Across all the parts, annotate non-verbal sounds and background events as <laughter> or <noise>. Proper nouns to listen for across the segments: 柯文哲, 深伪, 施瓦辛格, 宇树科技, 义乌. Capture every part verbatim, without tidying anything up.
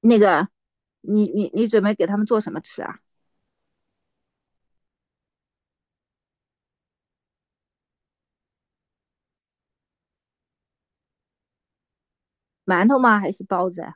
那个，你你你准备给他们做什么吃啊？馒头吗？还是包子啊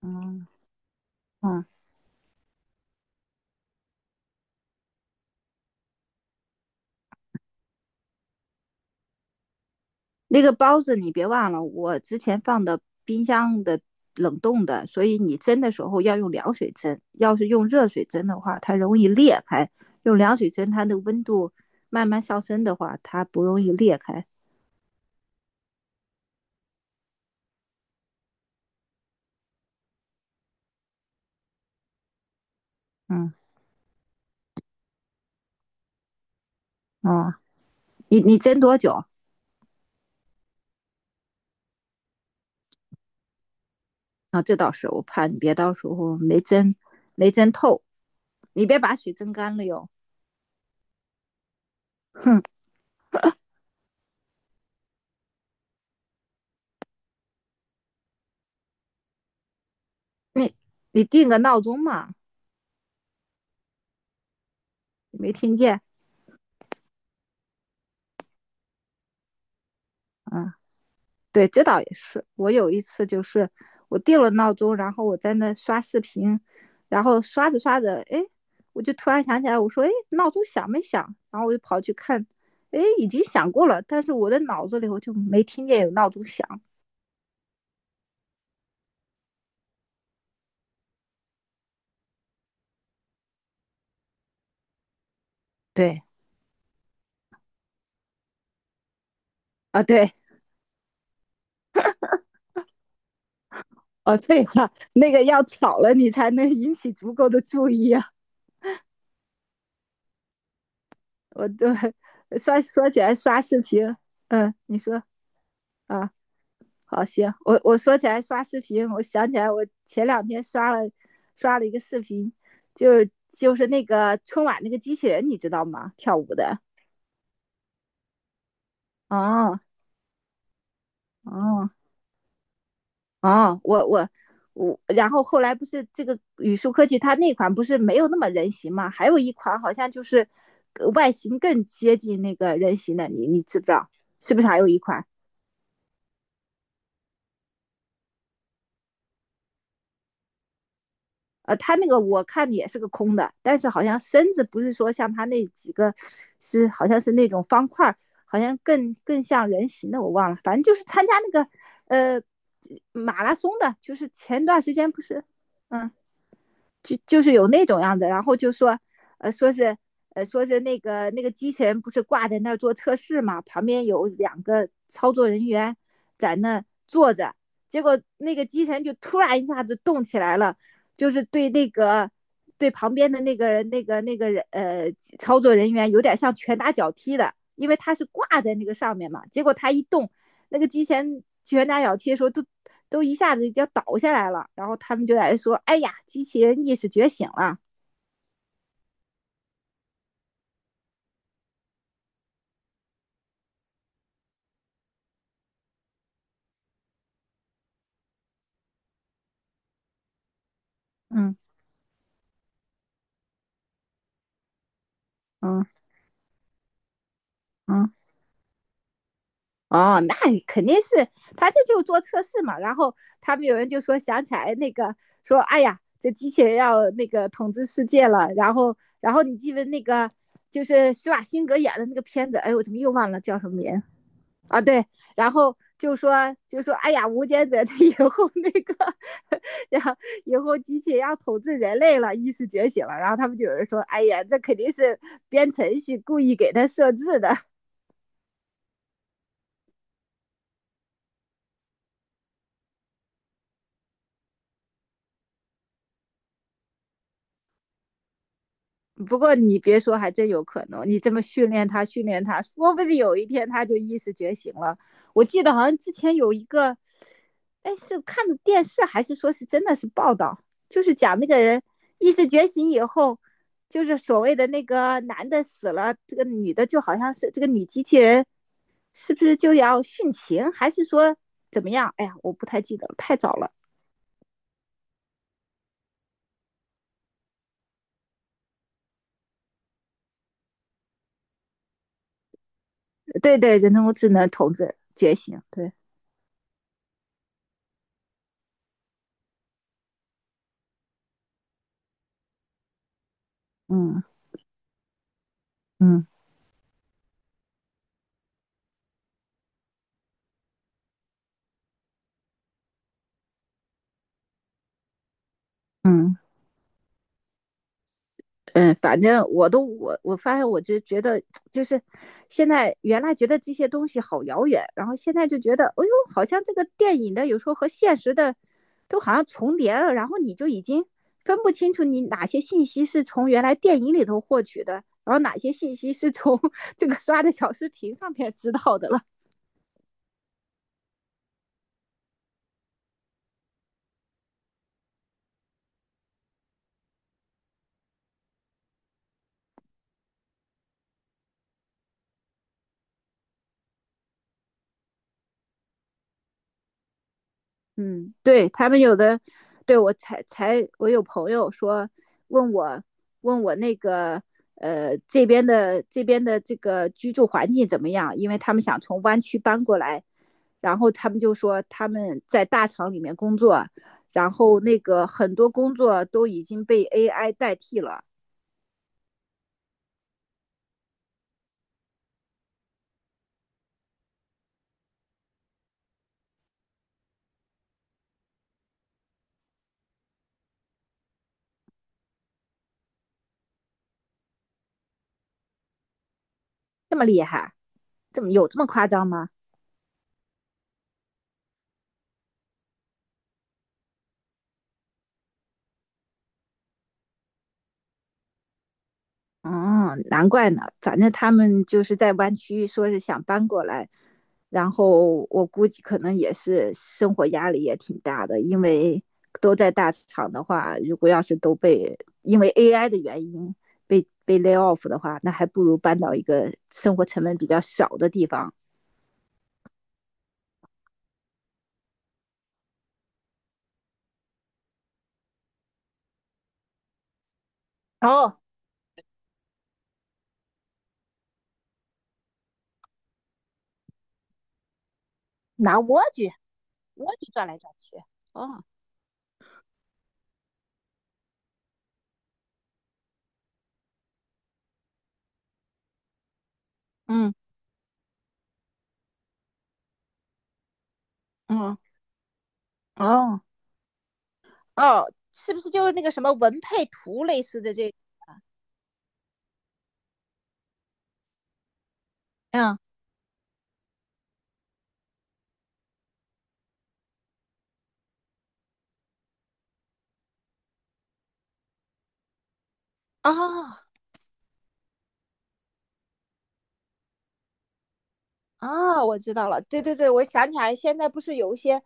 嗯嗯，那个包子你别忘了，我之前放的冰箱的冷冻的，所以你蒸的时候要用凉水蒸。要是用热水蒸的话，它容易裂开；用凉水蒸，它的温度慢慢上升的话，它不容易裂开。嗯，哦，你你蒸多久啊？这倒是，我怕你别到时候没蒸没蒸透，你别把水蒸干了哟。<laughs> 哼。你你定个闹钟嘛，你没听见？嗯，对，这倒也是。我有一次就是我定了闹钟，然后我在那刷视频，然后刷着刷着，哎，我就突然想起来，我说，哎，闹钟响没响？然后我就跑去看，哎，已经响过了，但是我的脑子里我就没听见有闹钟响。对，啊，对，哦，对话，那个要吵了你才能引起足够的注意啊。我对， <laughs>，刷说起来刷视频，嗯，你说啊。好，行，我我说起来刷视频，我想起来我前两天刷了刷了一个视频，就是就是那个春晚那个机器人，你知道吗？跳舞的。哦哦哦，我我我，然后后来不是这个宇树科技它那款不是没有那么人形吗？还有一款好像就是呃外形更接近那个人形的，你你知不知道？是不是还有一款？呃，他那个我看也是个空的，但是好像身子不是说像他那几个是好像是那种方块好像更更像人形的，我忘了，反正就是参加那个呃马拉松的，就是前段时间不是，嗯。就就是有那种样子，然后就说，呃，说是，呃，说是那个那个机器人不是挂在那儿做测试嘛，旁边有两个操作人员在那坐着，结果那个机器人就突然一下子动起来了，就是对那个对旁边的那个那个那个人呃操作人员有点像拳打脚踢的，因为他是挂在那个上面嘛，结果他一动。那个机前拳打脚踢的时候都都一下子要倒下来了，然后他们就在说：“哎呀，机器人意识觉醒了。”嗯嗯嗯，哦，那肯定是他这就做测试嘛。然后他们有人就说想起来那个说：“哎呀，这机器人要那个统治世界了。”然后然后你记得那个就是施瓦辛格演的那个片子，哎，我怎么又忘了叫什么名？啊，对，然后就说就说，哎呀，无间者他 <laughs> 以后那个，<laughs> 然后以后机器要统治人类了，意识觉醒了，然后他们就有人说，哎呀，这肯定是编程序故意给他设置的，不过你别说，还真有可能。你这么训练他，训练他，说不定有一天他就意识觉醒了。我记得好像之前有一个，哎，是看的电视还是说是真的是报道，就是讲那个人意识觉醒以后，就是所谓的那个男的死了，这个女的就好像是这个女机器人，是不是就要殉情，还是说怎么样？哎呀，我不太记得了，太早了。对对，人工智能统治觉醒，对，嗯嗯嗯。嗯，反正我都我我发现，我就觉得就是现在原来觉得这些东西好遥远，然后现在就觉得，哎呦，好像这个电影的有时候和现实的都好像重叠了，然后你就已经分不清楚你哪些信息是从原来电影里头获取的，然后哪些信息是从 <laughs> 这个刷的小视频上面知道的了。嗯，对他们有的，对我才才我有朋友说问我问我那个呃这边的这边的这个居住环境怎么样，因为他们想从湾区搬过来，然后他们就说他们在大厂里面工作，然后那个很多工作都已经被 A I 代替了，这么厉害，这么有这么夸张吗？哦，难怪呢。反正他们就是在湾区，说是想搬过来，然后我估计可能也是生活压力也挺大的，因为都在大厂的话，如果要是都被因为 A I 的原因被被 lay off 的话，那还不如搬到一个生活成本比较少的地方。哦，拿蜗居，蜗居转来转去。哦，嗯嗯，哦哦，是不是就是那个什么文配图类似的这？嗯，哦。啊，我知道了，对对对，我想起来，现在不是有一些，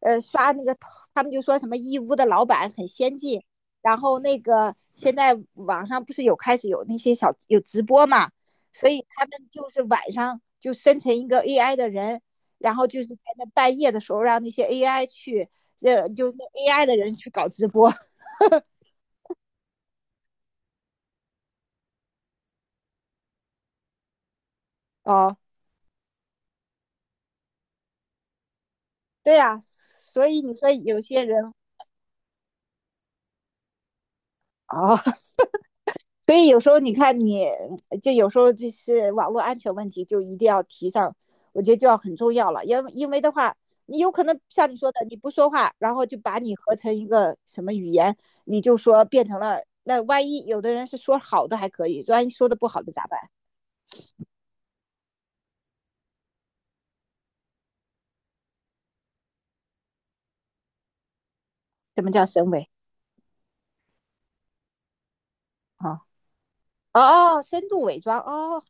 呃，刷那个，他们就说什么义乌的老板很先进，然后那个现在网上不是有开始有那些小有直播嘛，所以他们就是晚上就生成一个 A I 的人，然后就是在那半夜的时候让那些 A I 去，呃，就那 A I 的人去搞直播。<laughs> 哦，对呀，所以你说有些人，哦，所以有时候你看你，就有时候就是网络安全问题，就一定要提上，我觉得就要很重要了。因为因为的话，你有可能像你说的，你不说话，然后就把你合成一个什么语言，你就说变成了。那万一有的人是说好的还可以，万一说的不好的咋办？什么叫深伪啊？哦，深度伪装哦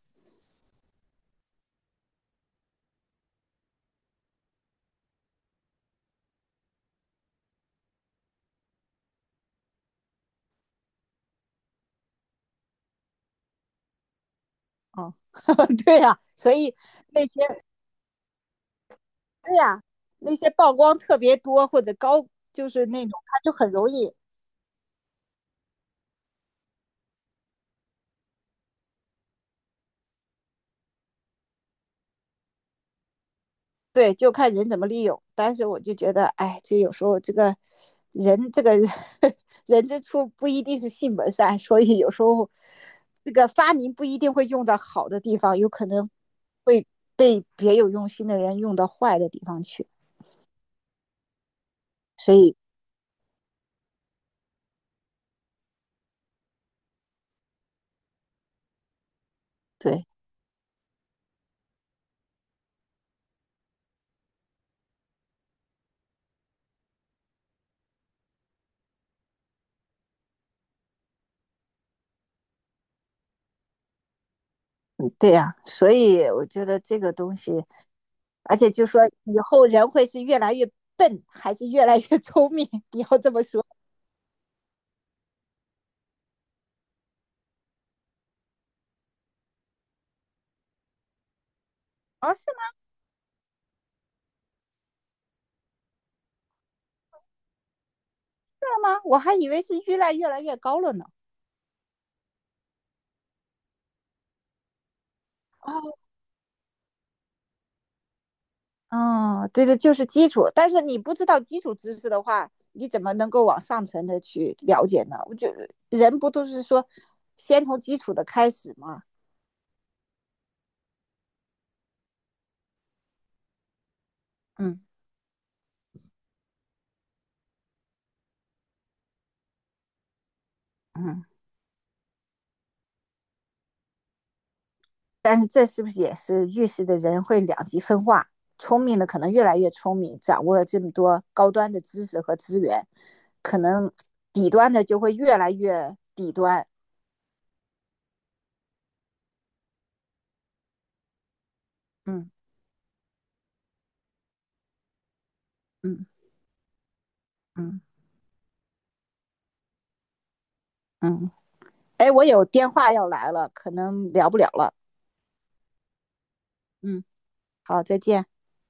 哦，<laughs> 对呀，啊，所以那些对呀，啊，那些曝光特别多或者高，就是那种他就很容易对，就看人怎么利用。但是我就觉得，哎，这有时候这个人，这个 <laughs> 人之初不一定是性本善，所以有时候这个发明不一定会用到好的地方，有可能会被别有用心的人用到坏的地方去。所以，对，嗯，对呀，所以我觉得这个东西，而且就说以后人会是越来越笨，还是越来越 <laughs> 聪明？你要这么说，哦，是吗？是吗？我还以为是越来越来越高了呢。哦，哦，对对，就是基础。但是你不知道基础知识的话，你怎么能够往上层的去了解呢？我觉得人不都是说先从基础的开始吗？嗯嗯。但是这是不是也是预示着人会两极分化？聪明的可能越来越聪明，掌握了这么多高端的知识和资源，可能底端的就会越来越底端。嗯嗯嗯嗯。哎，我有电话要来了，可能聊不了了。嗯，好，再见。